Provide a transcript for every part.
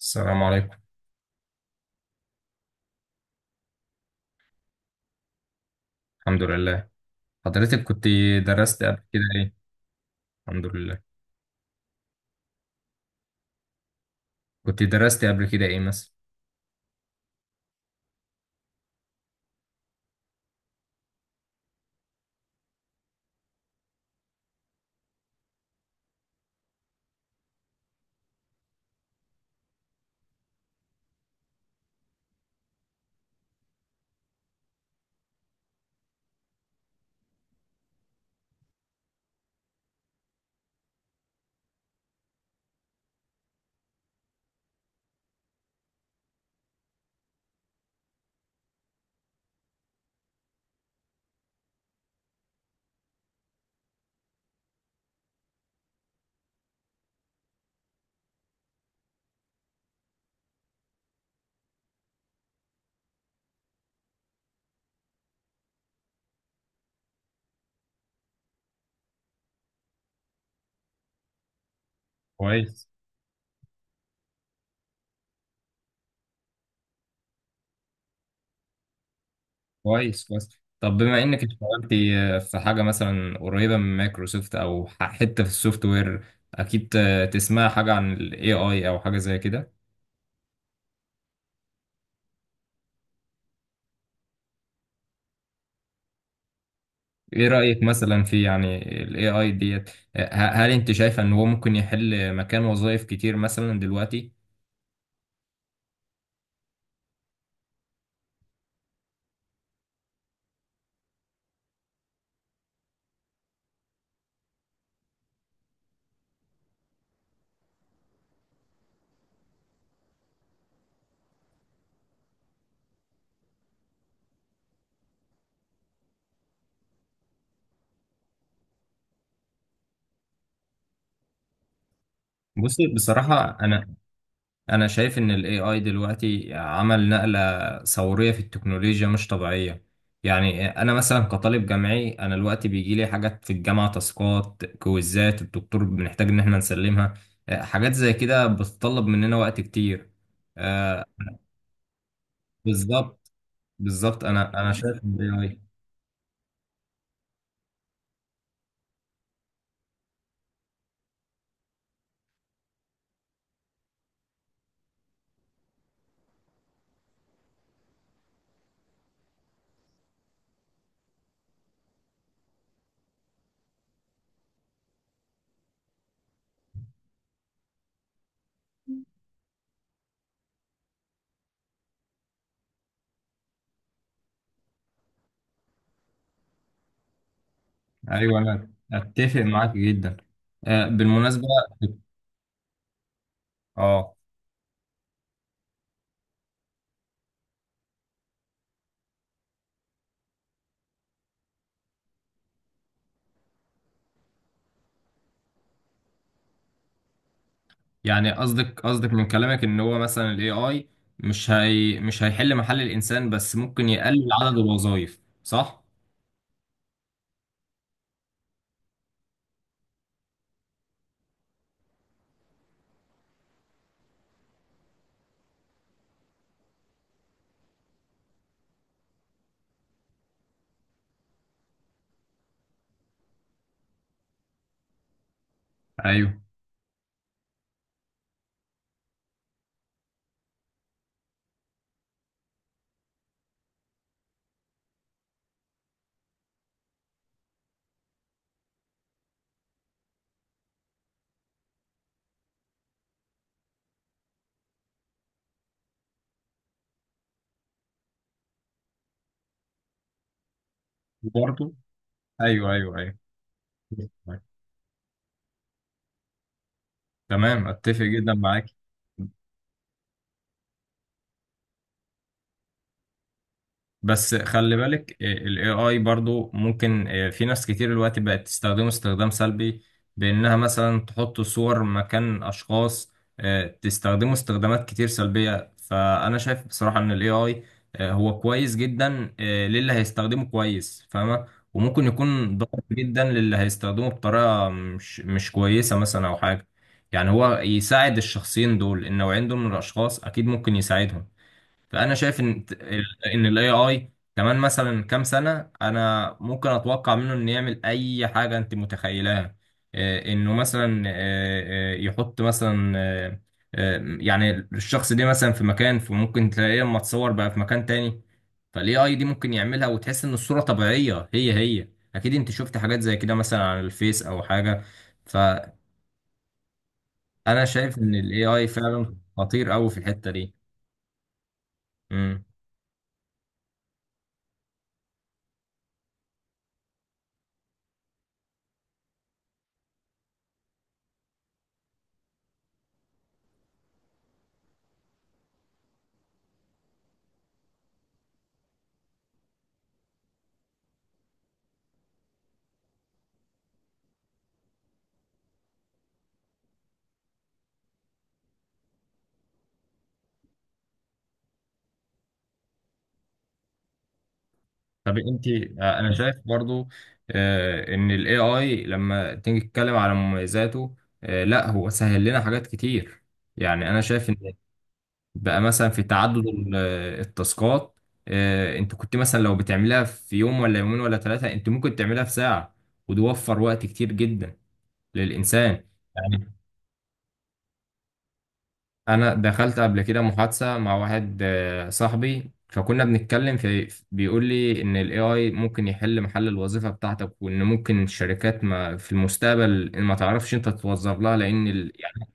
السلام عليكم. الحمد لله. حضرتك كنت درست قبل كده ايه؟ الحمد لله. كنت درست قبل كده ايه مثلا؟ كويس، كويس، كويس. طب بما انك اشتغلت في حاجه مثلا قريبه من مايكروسوفت او حته في السوفت وير، اكيد تسمع حاجه عن الاي اي او حاجه زي كده. ايه رايك مثلا في يعني الاي اي ديت؟ هل انت شايفه ان هو ممكن يحل مكان وظائف كتير مثلا دلوقتي؟ بصي، بصراحة انا شايف ان الاي اي دلوقتي عمل نقلة ثورية في التكنولوجيا مش طبيعية. يعني انا مثلا كطالب جامعي، انا دلوقتي بيجي لي حاجات في الجامعة، تاسكات، كويزات الدكتور بنحتاج ان احنا نسلمها. حاجات زي كده بتطلب مننا وقت كتير. آه، بالظبط بالظبط. انا شايف ان الاي اي... ايوه، انا اتفق معاك جدا. بالمناسبة. اه. يعني قصدك من كلامك ان هو مثلا الاي اي مش هيحل محل الانسان، بس ممكن يقلل عدد الوظائف، صح؟ ايوه، برضه، ايوه، ايوه، ايوه. تمام، اتفق جدا معاك. بس خلي بالك، ال AI برضو ممكن، في ناس كتير دلوقتي بقت تستخدمه استخدام سلبي، بإنها مثلا تحط صور مكان أشخاص. تستخدمه استخدامات كتير سلبية. فأنا شايف بصراحة إن ال AI، هو كويس جدا للي هيستخدمه كويس، فاهمة؟ وممكن يكون ضار جدا للي هيستخدمه بطريقة مش كويسة مثلا، أو حاجة. يعني هو يساعد الشخصين دول، النوعين دول من الأشخاص أكيد ممكن يساعدهم. فانا شايف ان الاي اي كمان مثلا كام سنه، انا ممكن اتوقع منه انه يعمل اي حاجه انت متخيلها. انه مثلا، يحط مثلا، آه، يعني الشخص ده مثلا في مكان، فممكن تلاقيه لما تصور بقى في مكان تاني. فالاي اي دي ممكن يعملها، وتحس ان الصوره طبيعيه هي هي. اكيد انت شفت حاجات زي كده مثلا على الفيس او حاجه. فانا شايف ان الاي اي فعلا خطير قوي في الحته دي. طب انت، انا شايف برضو ان الاي اي لما تيجي تتكلم على مميزاته، لا هو سهل لنا حاجات كتير. يعني انا شايف ان بقى مثلا في تعدد التاسكات. انت كنت مثلا لو بتعملها في يوم ولا يومين ولا ثلاثة، انت ممكن تعملها في ساعة. وده وفر وقت كتير جدا للانسان. يعني انا دخلت قبل كده محادثه مع واحد صاحبي، فكنا بنتكلم في، بيقول لي ان الاي اي ممكن يحل محل الوظيفه بتاعتك، وان ممكن الشركات ما في المستقبل ما تعرفش انت توظف لها، لان يعني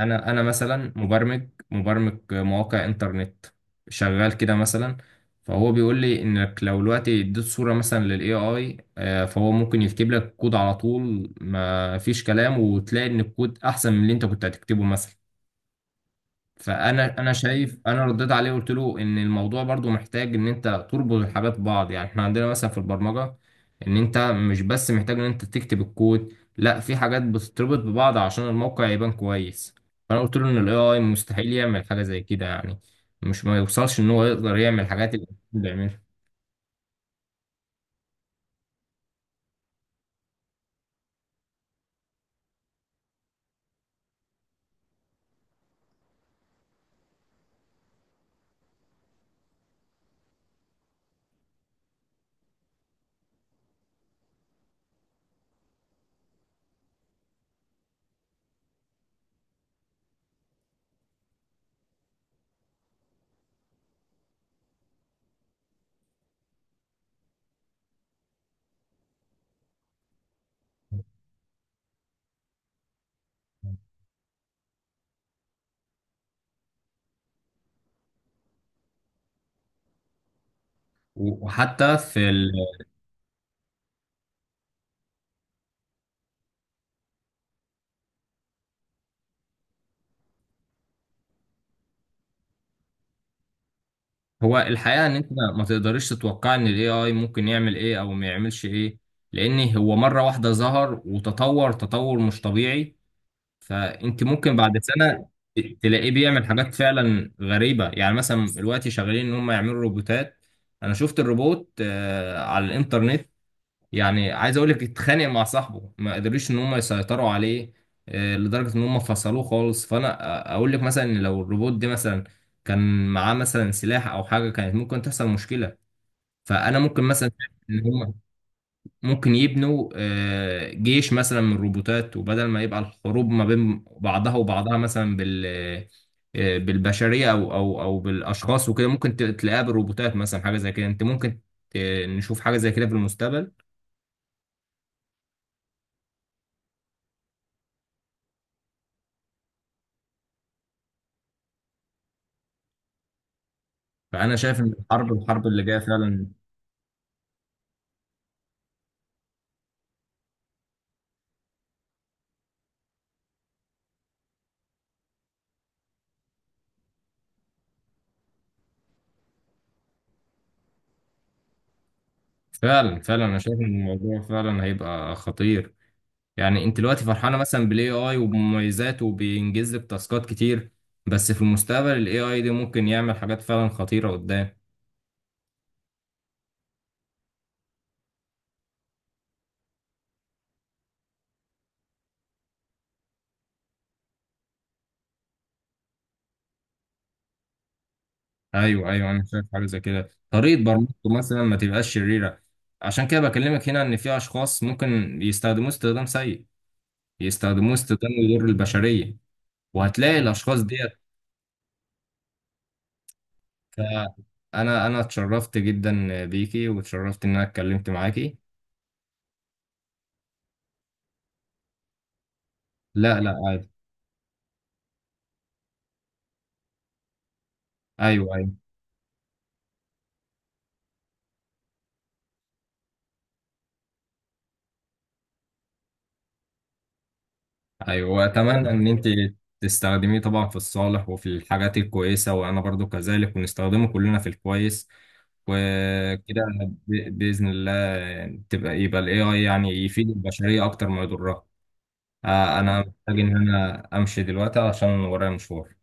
انا مثلا مبرمج مواقع انترنت، شغال كده مثلا. فهو بيقول لي انك لو دلوقتي اديت صوره مثلا للاي اي، فهو ممكن يكتب لك كود على طول، ما فيش كلام، وتلاقي ان الكود احسن من اللي انت كنت هتكتبه مثلا. فانا شايف، انا رديت عليه وقلت له ان الموضوع برضو محتاج ان انت تربط الحاجات ببعض. يعني احنا عندنا مثلا في البرمجه، ان انت مش بس محتاج ان انت تكتب الكود، لا، في حاجات بتتربط ببعض عشان الموقع يبان كويس. فانا قلت له ان الاي اي مستحيل يعمل حاجه زي كده، يعني مش ما يوصلش ان هو يقدر يعمل حاجات اللي الإنسان بيعملها. وحتى في هو الحقيقه ان انت ما تقدرش تتوقع ان الاي اي ممكن يعمل ايه او ما يعملش ايه، لان هو مره واحده ظهر وتطور تطور مش طبيعي. فانت ممكن بعد سنه تلاقيه بيعمل حاجات فعلا غريبه. يعني مثلا دلوقتي شغالين ان هم يعملوا روبوتات. انا شفت الروبوت على الانترنت. يعني عايز اقول لك اتخانق مع صاحبه، ما قدروش ان هم يسيطروا عليه، لدرجه ان هم فصلوه خالص. فانا اقول لك مثلا إن لو الروبوت ده مثلا كان معاه مثلا سلاح او حاجه، كانت ممكن تحصل مشكله. فانا ممكن مثلا شايف ان هم ممكن يبنوا جيش مثلا من الروبوتات، وبدل ما يبقى الحروب ما بين بعضها وبعضها مثلا بالبشرية، أو بالأشخاص وكده، ممكن تلاقيها بالروبوتات مثلا، حاجة زي كده. أنت ممكن ت- نشوف حاجة زي كده في المستقبل. فأنا شايف إن الحرب اللي جاية. فعلا فعلا فعلا، أنا شايف إن الموضوع فعلا هيبقى خطير. يعني أنت دلوقتي فرحانة مثلا بال AI وبمميزاته، وبينجز لك تاسكات كتير، بس في المستقبل ال AI دي ممكن يعمل حاجات فعلا خطيرة قدام. ايوه، ايوه، انا شايف حاجه زي كده. طريقه برمجته مثلا ما تبقاش شريره. عشان كده بكلمك هنا ان في اشخاص ممكن يستخدموه استخدام سيء، يستخدموه استخدام يضر البشريه. وهتلاقي الاشخاص ديت. آه، انا اتشرفت جدا بيكي، واتشرفت ان انا اتكلمت معاكي. لا، لا، عادي. ايوه، ايوه، ايوه. واتمنى ان انت تستخدميه طبعا في الصالح وفي الحاجات الكويسه، وانا برضو كذلك، ونستخدمه كلنا في الكويس وكده. باذن الله يبقى الاي اي يعني يفيد البشريه اكتر ما يضرها. انا محتاج ان انا امشي دلوقتي عشان ورايا مشوار.